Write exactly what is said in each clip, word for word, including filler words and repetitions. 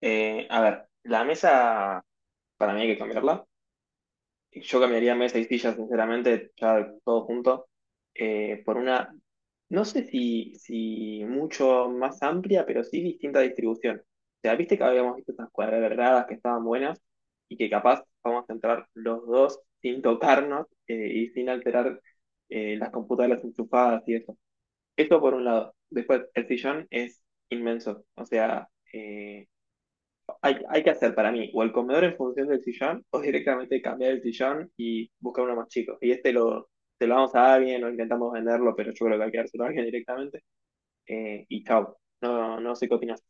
Eh, a ver, la mesa para mí hay que cambiarla. Yo cambiaría mesa y silla, sinceramente, ya todo junto, eh, por una, no sé si, si mucho más amplia, pero sí distinta distribución. O sea, viste que habíamos visto estas cuadradas que estaban buenas y que capaz vamos a entrar los dos sin tocarnos eh, y sin alterar eh, las computadoras enchufadas y eso. Esto por un lado. Después, el sillón es inmenso. O sea, eh, hay, hay que hacer para mí o el comedor en función del sillón o directamente cambiar el sillón y buscar uno más chico. Y este lo, se lo vamos a alguien o intentamos venderlo, pero yo creo que hay que dárselo a alguien directamente. eh, y chao. No, no sé qué opinas.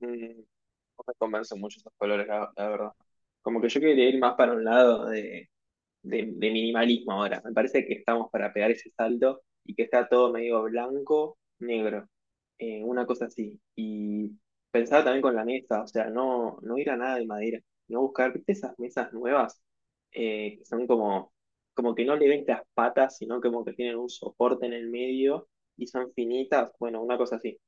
Mm, no me convencen mucho esos colores, la, la verdad. Como que yo quería ir más para un lado de de, de minimalismo ahora. Me parece que estamos para pegar ese salto y que está todo medio blanco, negro, eh, una cosa así. Y pensaba también con la mesa, o sea, no, no ir a nada de madera, no buscar, ¿viste esas mesas nuevas eh, que son como, como que no le ven las patas, sino como que tienen un soporte en el medio y son finitas? Bueno, una cosa así.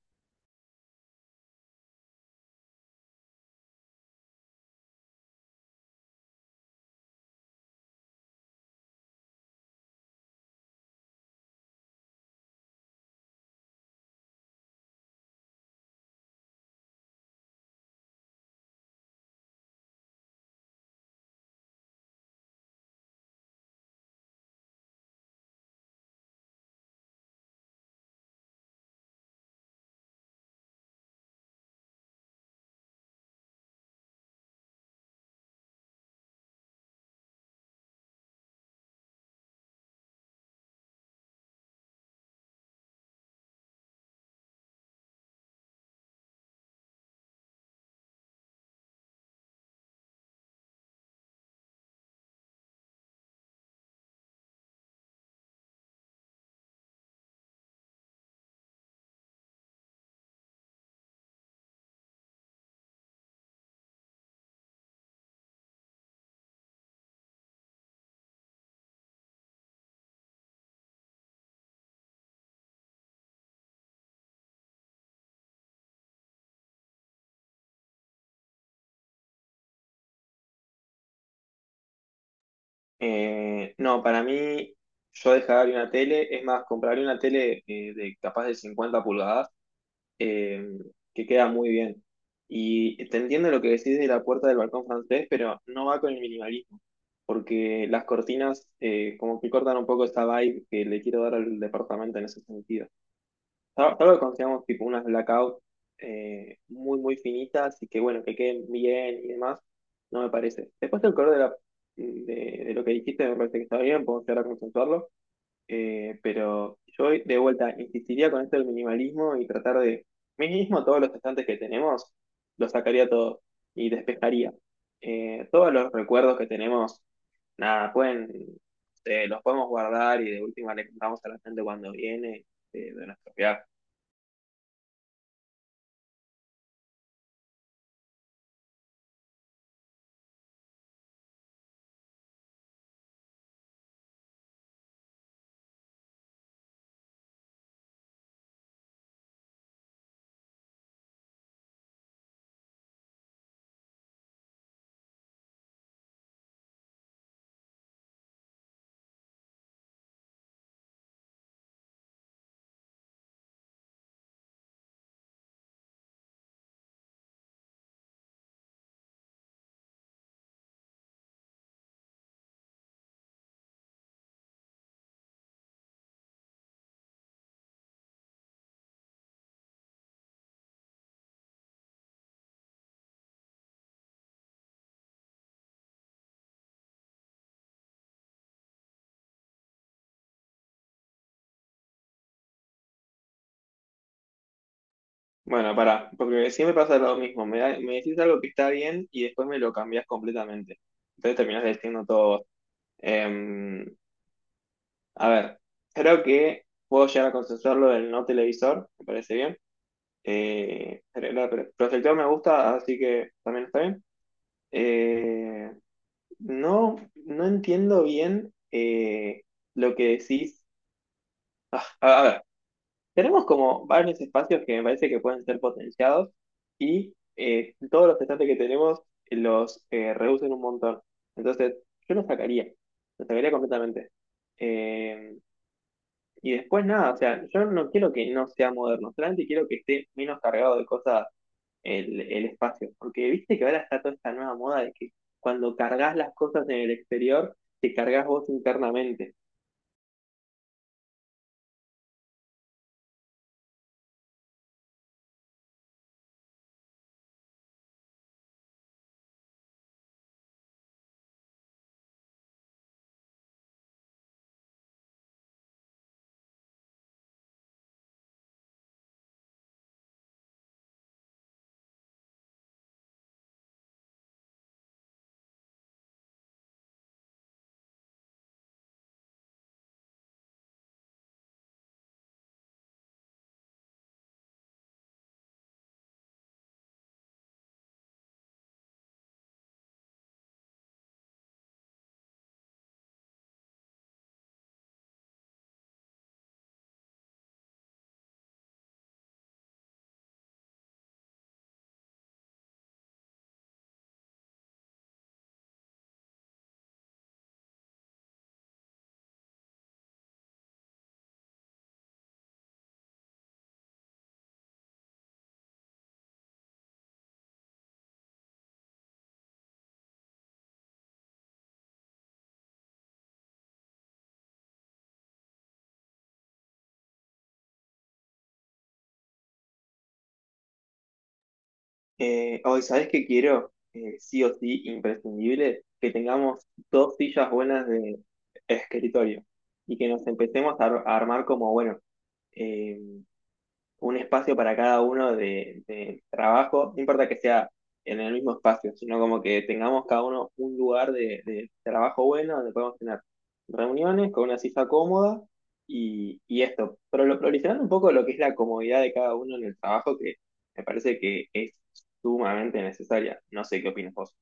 Eh, no, para mí, yo dejaría una tele, es más, compraría una tele eh, de capaz de cincuenta pulgadas eh, que queda muy bien. Y te entiendo lo que decís de la puerta del balcón francés, pero no va con el minimalismo, porque las cortinas eh, como que cortan un poco esta vibe que le quiero dar al departamento en ese sentido. Sal- Salvo que consigamos tipo unas blackout eh, muy, muy finitas y que bueno, que queden bien y demás, no me parece. Después el color de, la, de, de lo que dijiste me parece que está bien, podemos llegar a consensuarlo. Eh, pero yo de vuelta insistiría con esto del minimalismo y tratar de, mínimo todos los estantes que tenemos, los sacaría todos y despejaría. Eh, todos los recuerdos que tenemos, nada, pueden, eh, los podemos guardar y de última le contamos a la gente cuando viene eh, de nuestro viaje. Bueno, pará, porque siempre pasa lo mismo, me, da- me decís algo que está bien y después me lo cambiás completamente. Entonces terminás diciendo todo vos. Em, A ver, creo que puedo llegar a consensuarlo del no televisor, me parece bien. Eh, pero la- pero el proyector me gusta, así que también está bien. Eh, no, no entiendo bien eh, lo que decís. Ah, a a ver, tenemos como varios espacios que me parece que pueden ser potenciados y eh, todos los estantes que tenemos los eh, reducen un montón. Entonces, yo los sacaría, los sacaría completamente. Eh, Y después nada, o sea, yo no quiero que no sea moderno, solamente quiero que esté menos cargado de cosas el, el espacio. Porque viste que ahora está toda esta nueva moda de que cuando cargas las cosas en el exterior, te cargas vos internamente. Eh, hoy, ¿sabés qué quiero? Eh, sí o sí, imprescindible, que tengamos dos sillas buenas de escritorio y que nos empecemos a, ar- a armar como, bueno, eh, un espacio para cada uno de, de trabajo, no importa que sea en el mismo espacio, sino como que tengamos cada uno un lugar de, de trabajo bueno donde podemos tener reuniones con una silla cómoda y, y esto, pero lo priorizando un poco lo que es la comodidad de cada uno en el trabajo, que me parece que es sumamente necesaria. No sé qué opinas vos.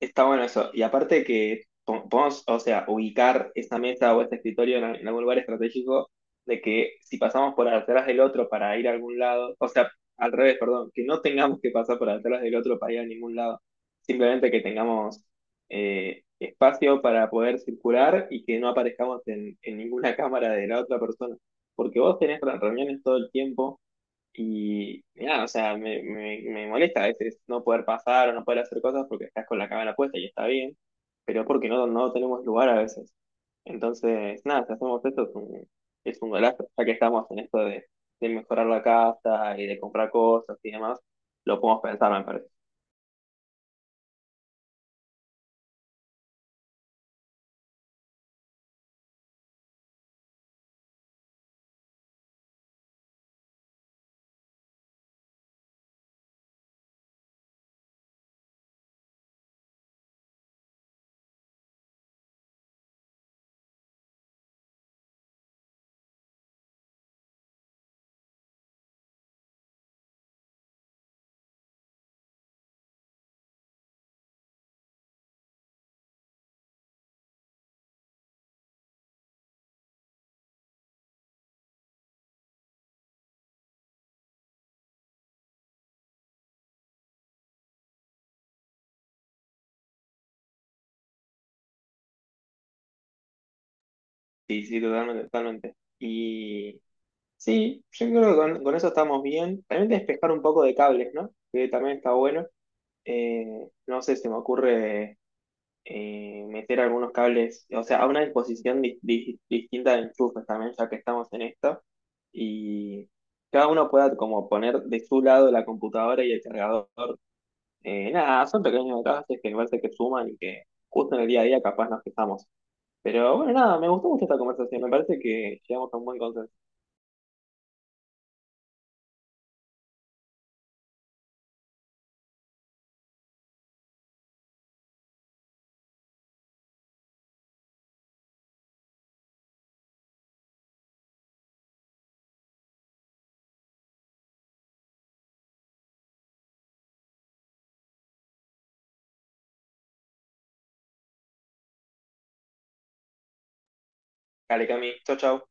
Está bueno eso. Y aparte que po- podemos, o sea, ubicar esa mesa o ese escritorio en, en algún lugar estratégico de que si pasamos por atrás del otro para ir a algún lado, o sea, al revés, perdón, que no tengamos que pasar por atrás del otro para ir a ningún lado. Simplemente que tengamos eh, espacio para poder circular y que no aparezcamos en, en ninguna cámara de la otra persona. Porque vos tenés re- reuniones todo el tiempo y nada, o sea, me, me, me molesta a veces no poder pasar o no poder hacer cosas porque estás con la cámara puesta y está bien, pero porque no, no tenemos lugar a veces. Entonces, nada, si hacemos esto es un, es un golazo, ya que estamos en esto de, de mejorar la casa y de comprar cosas y demás, lo podemos pensar, me parece. Sí, sí, totalmente, totalmente. Y sí, yo creo que con, con eso estamos bien. También despejar un poco de cables, ¿no? Que también está bueno. Eh, no sé, se me ocurre eh, meter algunos cables, o sea, a una disposición di- di- distinta de enchufes también, ya que estamos en esto, y cada uno pueda como poner de su lado la computadora y el cargador. Eh, nada, son pequeños detalles que me parece que suman y que justo en el día a día capaz nos fijamos. Pero bueno, nada, me gustó mucho esta conversación, me parece que llegamos a un buen consenso. Dale, Cami, chau, chau.